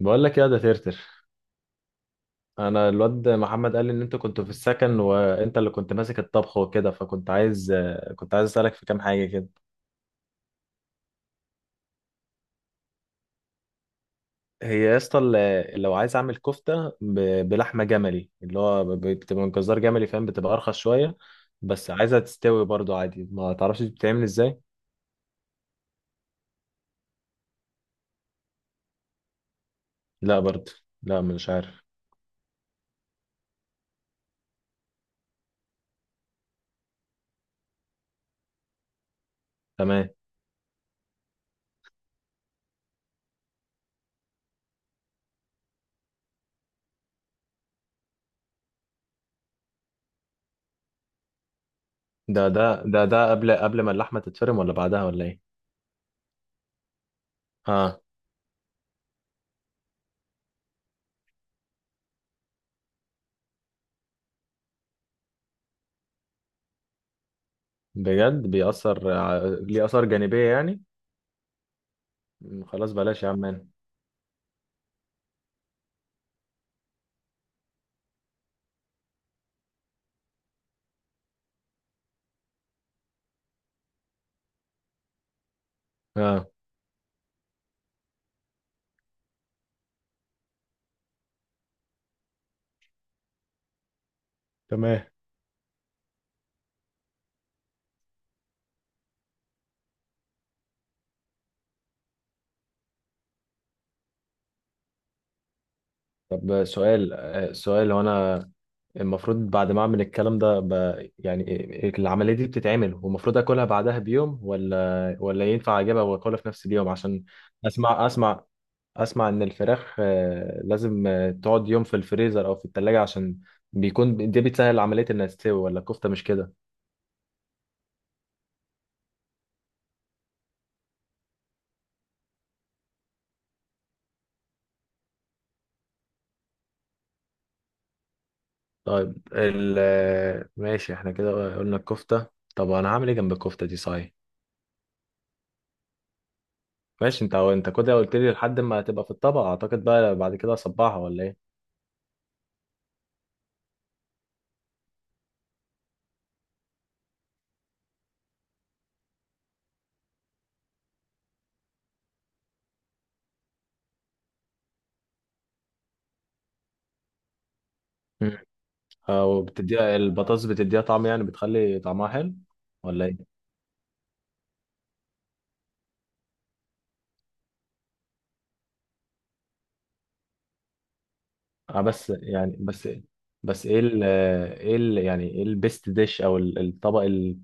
بقول لك يا ده ترتر، انا الواد محمد قال لي ان انت كنت في السكن وانت اللي كنت ماسك الطبخ وكده، فكنت عايز كنت عايز اسالك في كام حاجه كده. هي يا اسطى لو عايز اعمل كفته بلحمه جملي، اللي هو بتبقى من جزار جملي، فاهم؟ بتبقى ارخص شويه، بس عايزها تستوي برضو عادي. ما تعرفش بتتعمل ازاي؟ لا برضو، لا مش عارف. تمام. ده قبل ما اللحمه تتفرم، ولا بعدها، ولا ايه؟ اه. بجد بيأثر؟ ليه آثار جانبية يعني؟ خلاص بلاش يا عم. اه. تمام. طب سؤال، سؤال، هو انا المفروض بعد ما اعمل الكلام ده يعني العملية دي بتتعمل والمفروض اكلها بعدها بيوم، ولا ينفع اجيبها واكلها في نفس اليوم؟ عشان اسمع اسمع، اسمع ان الفراخ، لازم، تقعد يوم في الفريزر او في التلاجة، عشان بيكون دي بتسهل عملية انها تستوي. ولا الكفتة مش كده؟ طيب ال... آه، ماشي، احنا كده قلنا الكفتة، طب انا هعمل ايه جنب الكفتة دي صحيح؟ ماشي، انت كده قلت لي لحد ما هتبقى في الطبق، اعتقد بقى بعد كده اصبعها ولا ايه؟ مم. او بتديها البطاطس، بتديها طعم يعني، بتخلي طعمها حلو ولا ايه؟ اه. بس بس ايه ال ايه ال يعني ايه البيست ديش او الطبق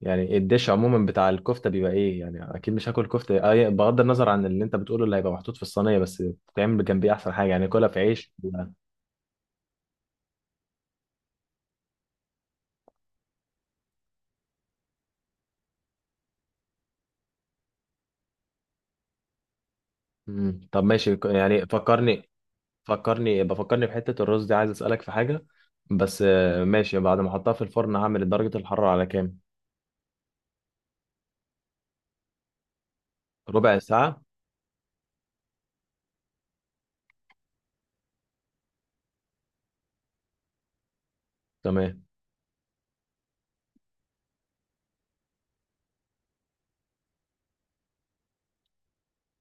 يعني الديش عموما بتاع الكفته بيبقى ايه؟ يعني اكيد مش هاكل كفته اه، بغض النظر عن اللي انت بتقوله اللي هيبقى محطوط في الصينيه، بس بتعمل جنبيه احسن حاجه يعني؟ كلها في عيش ولا-؟ مم. طب ماشي يعني، فكرني فكرني بحتة الرز دي، عايز أسألك في حاجة، بس ماشي، بعد ما أحطها في الفرن هعمل درجة الحرارة على كام؟ ربع ساعة؟ تمام.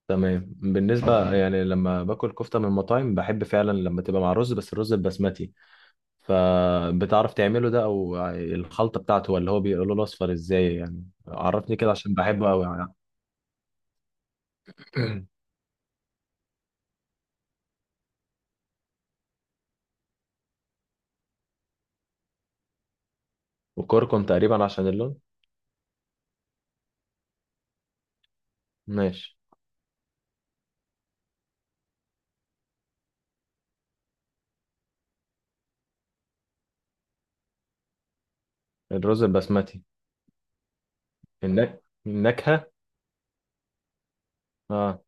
تمام بالنسبة يعني، لما باكل كفتة من المطاعم بحب فعلا لما تبقى مع رز، بس الرز البسمتي، فبتعرف تعمله ده؟ أو الخلطة بتاعته، ولا هو بيقولوا له الأصفر، إزاي يعني؟ عرفني كده عشان بحبه أوي يعني. وكركم تقريبا عشان اللون. ماشي. الرز البسمتي. النكهة. اه،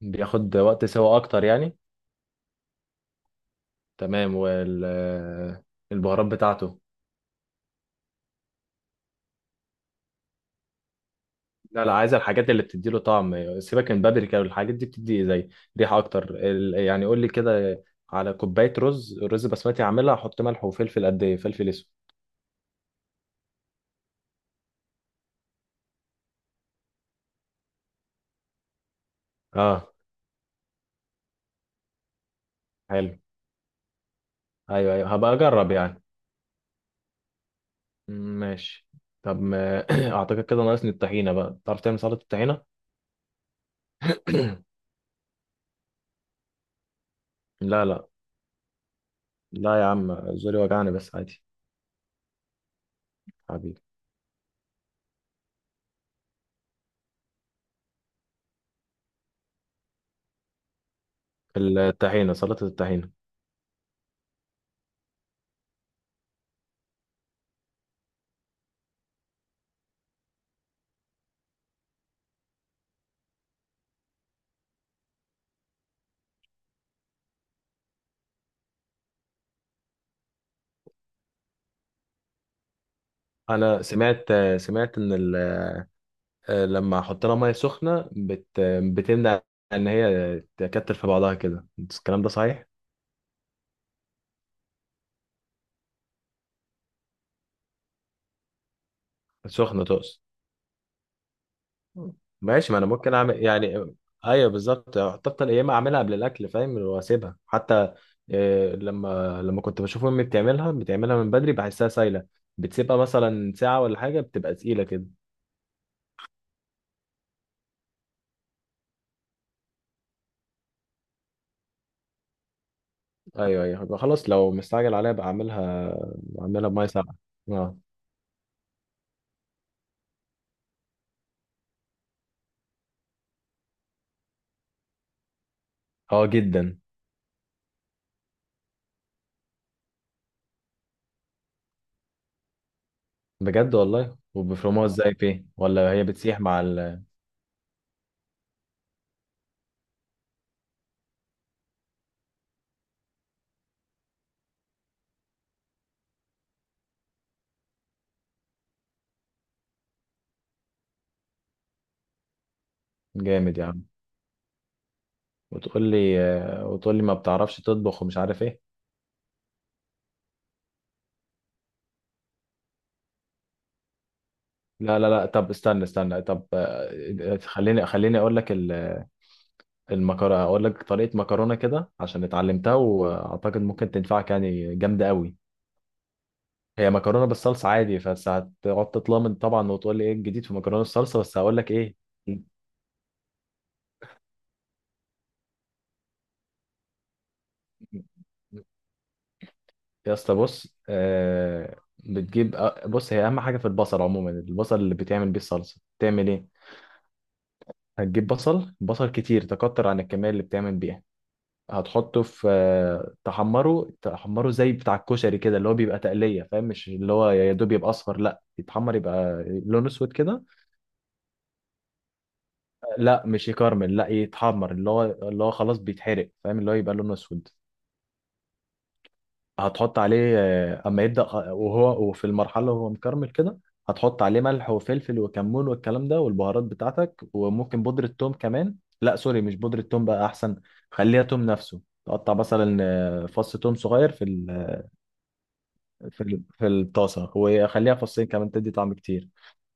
بياخد وقت سوا أكتر يعني. تمام، والبهارات بتاعته؟ لا لا، عايز الحاجات اللي بتديله طعم، سيبك من بابريكا، والحاجات دي بتدي زي ريحة اكتر يعني قول لي كده، على كوباية رز، بسمتي، عاملها احط ملح وفلفل قد ايه؟ فلفل اسود. اه. حلو. ايوه ايوه، هبقى اجرب يعني. م- ماشي. طب ما اعتقد كده ناقصني الطحينة بقى، تعرف تعمل سلطة الطحينة؟ لا لا لا، يا عم زوري وجعني بس، عادي. حبيبي. الطحينة، سلطة الطحينة. انا سمعت، سمعت ان لما احط لها ميه سخنه بتمنع ان هي تكتل في بعضها كده، الكلام ده صحيح؟ سخنه تقصد؟ ماشي، ما انا ممكن اعمل يعني. ايوه بالظبط، حتى يا اما اعملها قبل الاكل فاهم، واسيبها حتى، لما كنت بشوف امي بتعملها، بتعملها من بدري بحسها سايله، بتسيبها مثلا ساعه ولا حاجه، بتبقى تقيله كده. ايوه ايوه، يبقى خلاص لو مستعجل عليها بقى اعملها، اعملها بميه ساقعه. اه. اه جدا. بجد والله؟ وبيفرموها ازاي فيه ولا هي بتسيح مع ال؟ جامد يا عم. وتقول لي وتقول لي ما بتعرفش تطبخ ومش عارف ايه. لا لا لا، طب استنى استنى، طب خليني اقول لك المكرونه، اقول لك طريقه مكرونه كده عشان اتعلمتها، واعتقد ممكن تنفعك يعني، جامده قوي. هي مكرونه بالصلصه عادي، بس هتقعد تطلمن طبعا وتقول لي ايه الجديد في مكرونه الصلصه، بس هقول لك ايه. يا اسطى بص، آه. بتجيب بص، هي اهم حاجه في البصل عموما، البصل اللي بتعمل بيه الصلصه بتعمل ايه؟ هتجيب بصل، بصل كتير، تكتر عن الكمية اللي بتعمل بيها. هتحطه في، تحمره، تحمره زي بتاع الكشري كده، اللي هو بيبقى تقلية فاهم، مش اللي هو يا دوب يبقى أصفر، لا يتحمر يبقى لونه أسود كده. لا مش يكرمل، لا يتحمر، اللي هو اللي هو خلاص بيتحرق فاهم، اللي هو يبقى لونه أسود. هتحط عليه، اما يبدأ وهو وفي المرحلة وهو مكرمل كده، هتحط عليه ملح وفلفل وكمون والكلام ده، والبهارات بتاعتك، وممكن بودرة توم كمان. لا سوري، مش بودرة توم، بقى احسن خليها توم نفسه، تقطع مثلا فص توم صغير في ال، في ال، في الطاسة، وخليها فصين كمان تدي طعم كتير.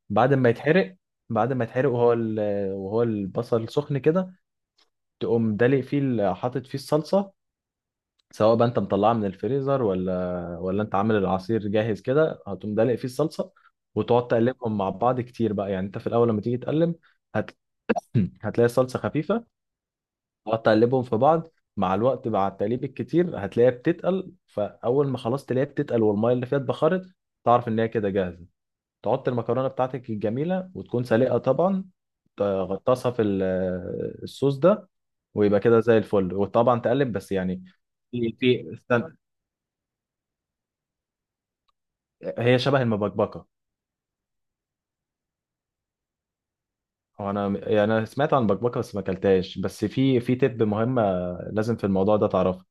بعد ما يتحرق، بعد ما يتحرق وهو البصل سخن كده، تقوم دلق فيه حاطط فيه الصلصة، سواء بقى انت مطلعها من الفريزر، ولا انت عامل العصير جاهز كده، هتقوم دلق فيه الصلصه، وتقعد تقلبهم مع بعض كتير بقى يعني. انت في الاول لما تيجي تقلب، هت... هتلاقي الصلصه خفيفه، تقعد تقلبهم في بعض، مع الوقت مع التقليب الكتير هتلاقيها بتتقل، فاول ما خلاص تلاقيها بتتقل والميه اللي فيها اتبخرت، تعرف ان هي كده جاهزه. تحط المكرونه بتاعتك الجميله، وتكون سلقه طبعا، تغطسها في الصوص ده، ويبقى كده زي الفل، وطبعا تقلب بس يعني. في، هي شبه المبكبكه. هو انا يعني، انا سمعت عن البكبكه بس ما اكلتهاش، بس في تب مهمه لازم في الموضوع ده تعرفها.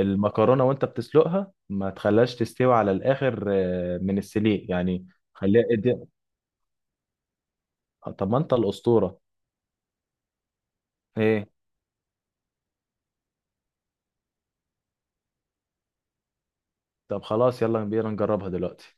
المكرونه وانت بتسلقها ما تخليهاش تستوي على الاخر، من السليق يعني، خليها ادي. طب ما انت الاسطوره. ايه. طب خلاص، يلا بينا نجربها دلوقتي.